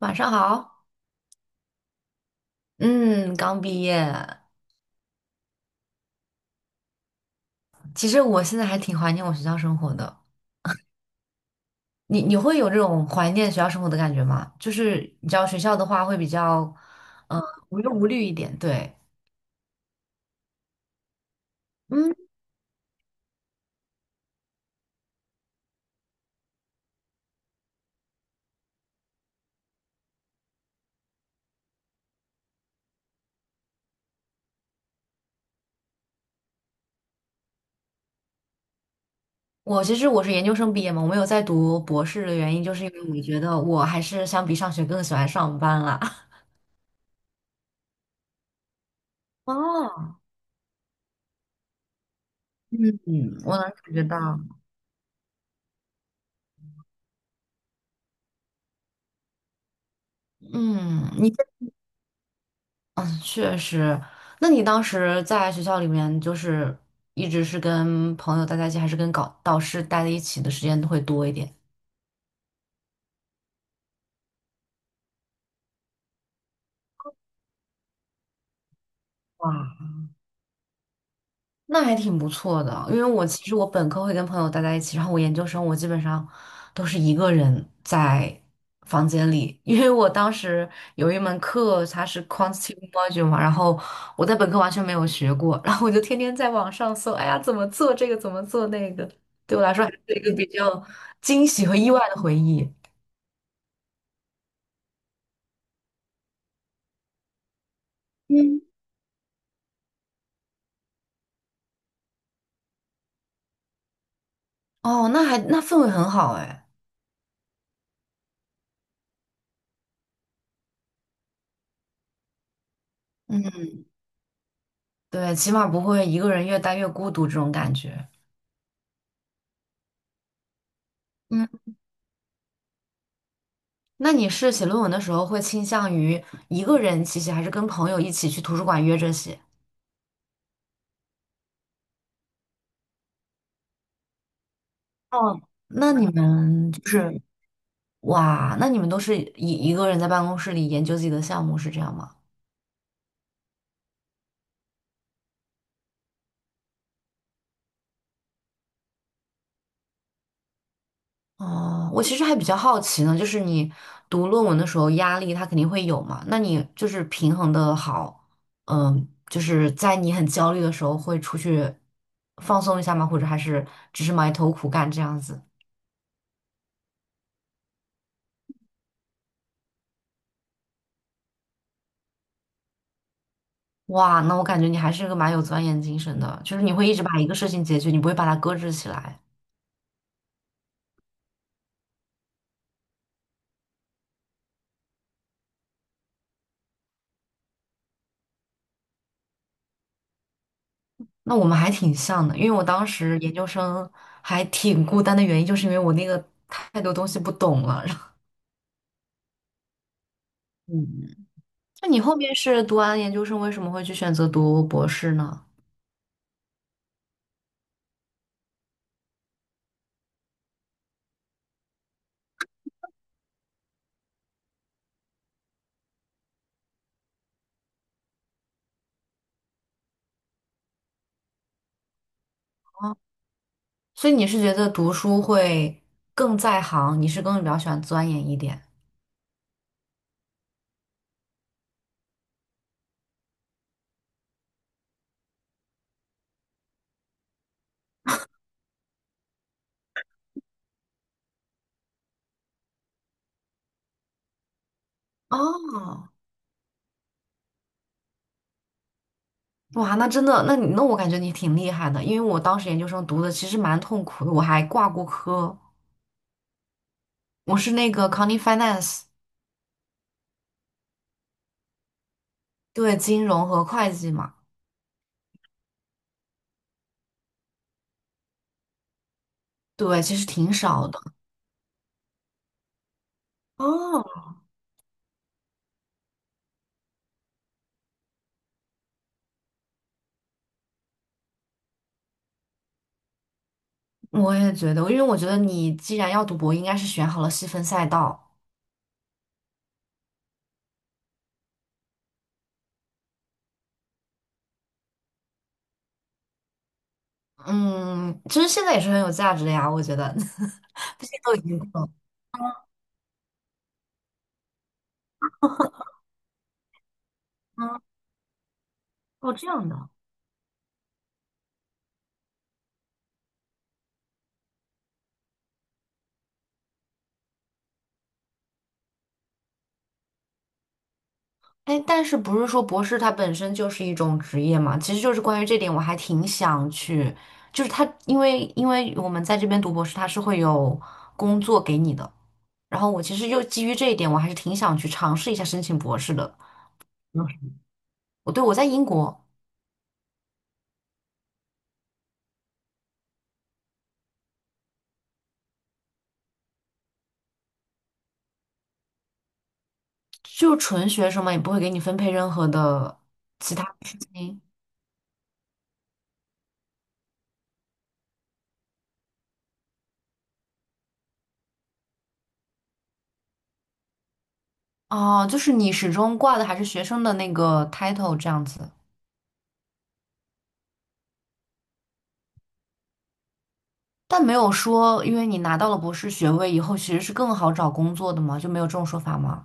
晚上好。嗯，刚毕业。其实我现在还挺怀念我学校生活的。你会有这种怀念学校生活的感觉吗？就是你知道学校的话会比较，嗯、无忧无虑一点。对。嗯，我其实是研究生毕业嘛，我没有在读博士的原因，就是因为我觉得我还是相比上学更喜欢上班啦。哦。嗯，我能感觉到。嗯，你。嗯，确实。那你当时在学校里面，就是一直是跟朋友待在一起，还是跟搞导师待在一起的时间会多一点？哇，那还挺不错的，因为我其实本科会跟朋友待在一起，然后我研究生我基本上都是一个人在房间里。因为我当时有一门课它是 quantitative module 嘛，然后我在本科完全没有学过，然后我就天天在网上搜，哎呀怎么做这个怎么做那个，对我来说还是一个比较惊喜和意外的回忆。嗯。哦，那还那氛围很好哎。嗯，对，起码不会一个人越待越孤独这种感觉。嗯。那你是写论文的时候会倾向于一个人其实还是跟朋友一起去图书馆约着写？哦，那你们就是哇，那你们都是一个人在办公室里研究自己的项目是这样吗？哦，我其实还比较好奇呢，就是你读论文的时候压力它肯定会有嘛，那你就是平衡的好，嗯，就是在你很焦虑的时候会出去放松一下吗？或者还是只是埋头苦干这样子？哇，那我感觉你还是个蛮有钻研精神的，就是你会一直把一个事情解决，你不会把它搁置起来。那我们还挺像的，因为我当时研究生还挺孤单的原因，就是因为我那个太多东西不懂了。然后嗯，那你后面是读完研究生，为什么会去选择读博士呢？所以你是觉得读书会更在行，你是更比较喜欢钻研一点？哦。哇，那真的，那你那我感觉你挺厉害的，因为我当时研究生读的其实蛮痛苦的，我还挂过科。我是那个 County Finance。对，金融和会计嘛。对，其实挺少的。哦，我也觉得，因为我觉得你既然要读博，应该是选好了细分赛道。嗯，其实现在也是很有价值的呀，我觉得，毕竟都已经过了。嗯，哦，这样的。哎，但是不是说博士它本身就是一种职业嘛？其实就是关于这点，我还挺想去，就是它，因为我们在这边读博士，它是会有工作给你的。然后我其实又基于这一点，我还是挺想去尝试一下申请博士的。嗯，我在英国。就纯学生嘛，也不会给你分配任何的其他事情。哦，就是你始终挂的还是学生的那个 title 这样子。但没有说因为你拿到了博士学位以后其实是更好找工作的嘛，就没有这种说法吗？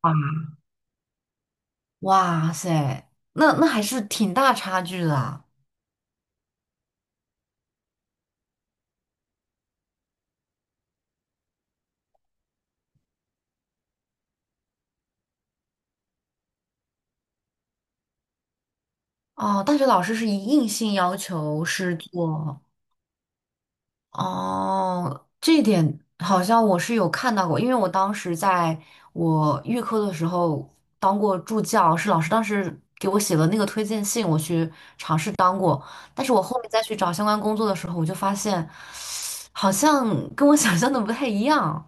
啊。哇塞，那那还是挺大差距的啊！哦，大学老师是以硬性要求是做。哦，这一点好像我是有看到过，因为我当时在我预科的时候当过助教，是老师当时给我写了那个推荐信，我去尝试当过。但是我后面再去找相关工作的时候，我就发现好像跟我想象的不太一样。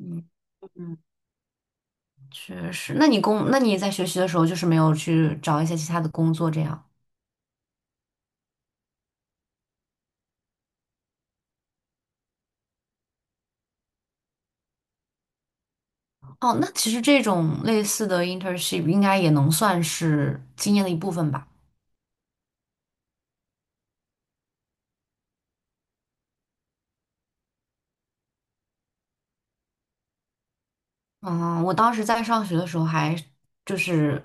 嗯。嗯。确实，那你工，那你在学习的时候就是没有去找一些其他的工作这样？哦，那其实这种类似的 internship 应该也能算是经验的一部分吧。嗯，我当时在上学的时候还就是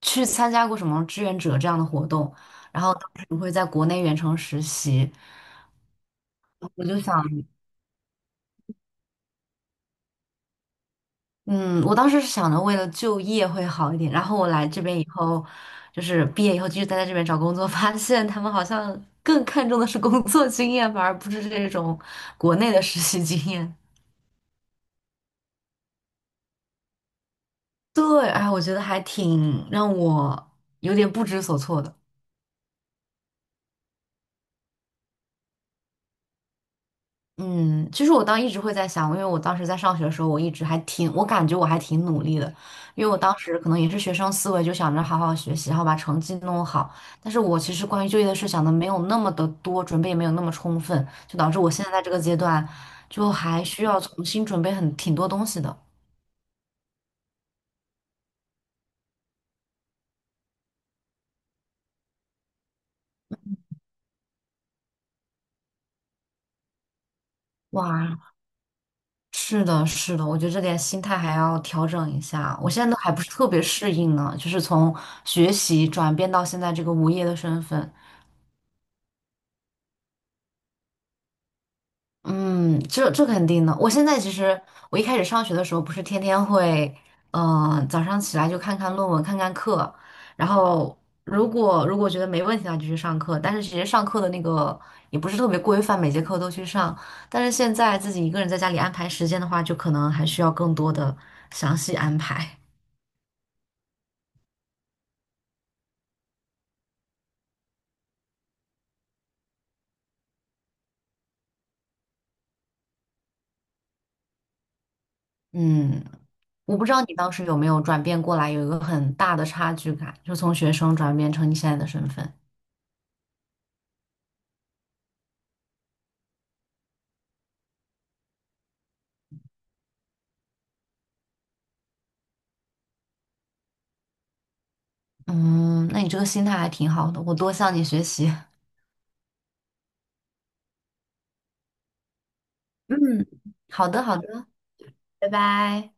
去参加过什么志愿者这样的活动，然后当时会在国内远程实习，我就想，嗯，我当时是想着为了就业会好一点，然后我来这边以后，就是毕业以后继续待在这边找工作，发现他们好像更看重的是工作经验，反而不是这种国内的实习经验。对，哎，我觉得还挺让我有点不知所措的。嗯，其实我当一直会在想，因为我当时在上学的时候，我一直还挺，我感觉我还挺努力的，因为我当时可能也是学生思维，就想着好好学习，然后把成绩弄好。但是我其实关于就业的事想的没有那么的多，准备也没有那么充分，就导致我现在在这个阶段，就还需要重新准备很挺多东西的。哇，是的，是的，我觉得这点心态还要调整一下，我现在都还不是特别适应呢，就是从学习转变到现在这个无业的身份。嗯，这这肯定的。我现在其实，我一开始上学的时候，不是天天会，早上起来就看看论文，看看课，然后如果觉得没问题的话，就去上课。但是其实上课的那个也不是特别规范，每节课都去上。但是现在自己一个人在家里安排时间的话，就可能还需要更多的详细安排。嗯，我不知道你当时有没有转变过来，有一个很大的差距感，就从学生转变成你现在的身份。嗯，那你这个心态还挺好的，我多向你学习。嗯，好的，好的，拜拜。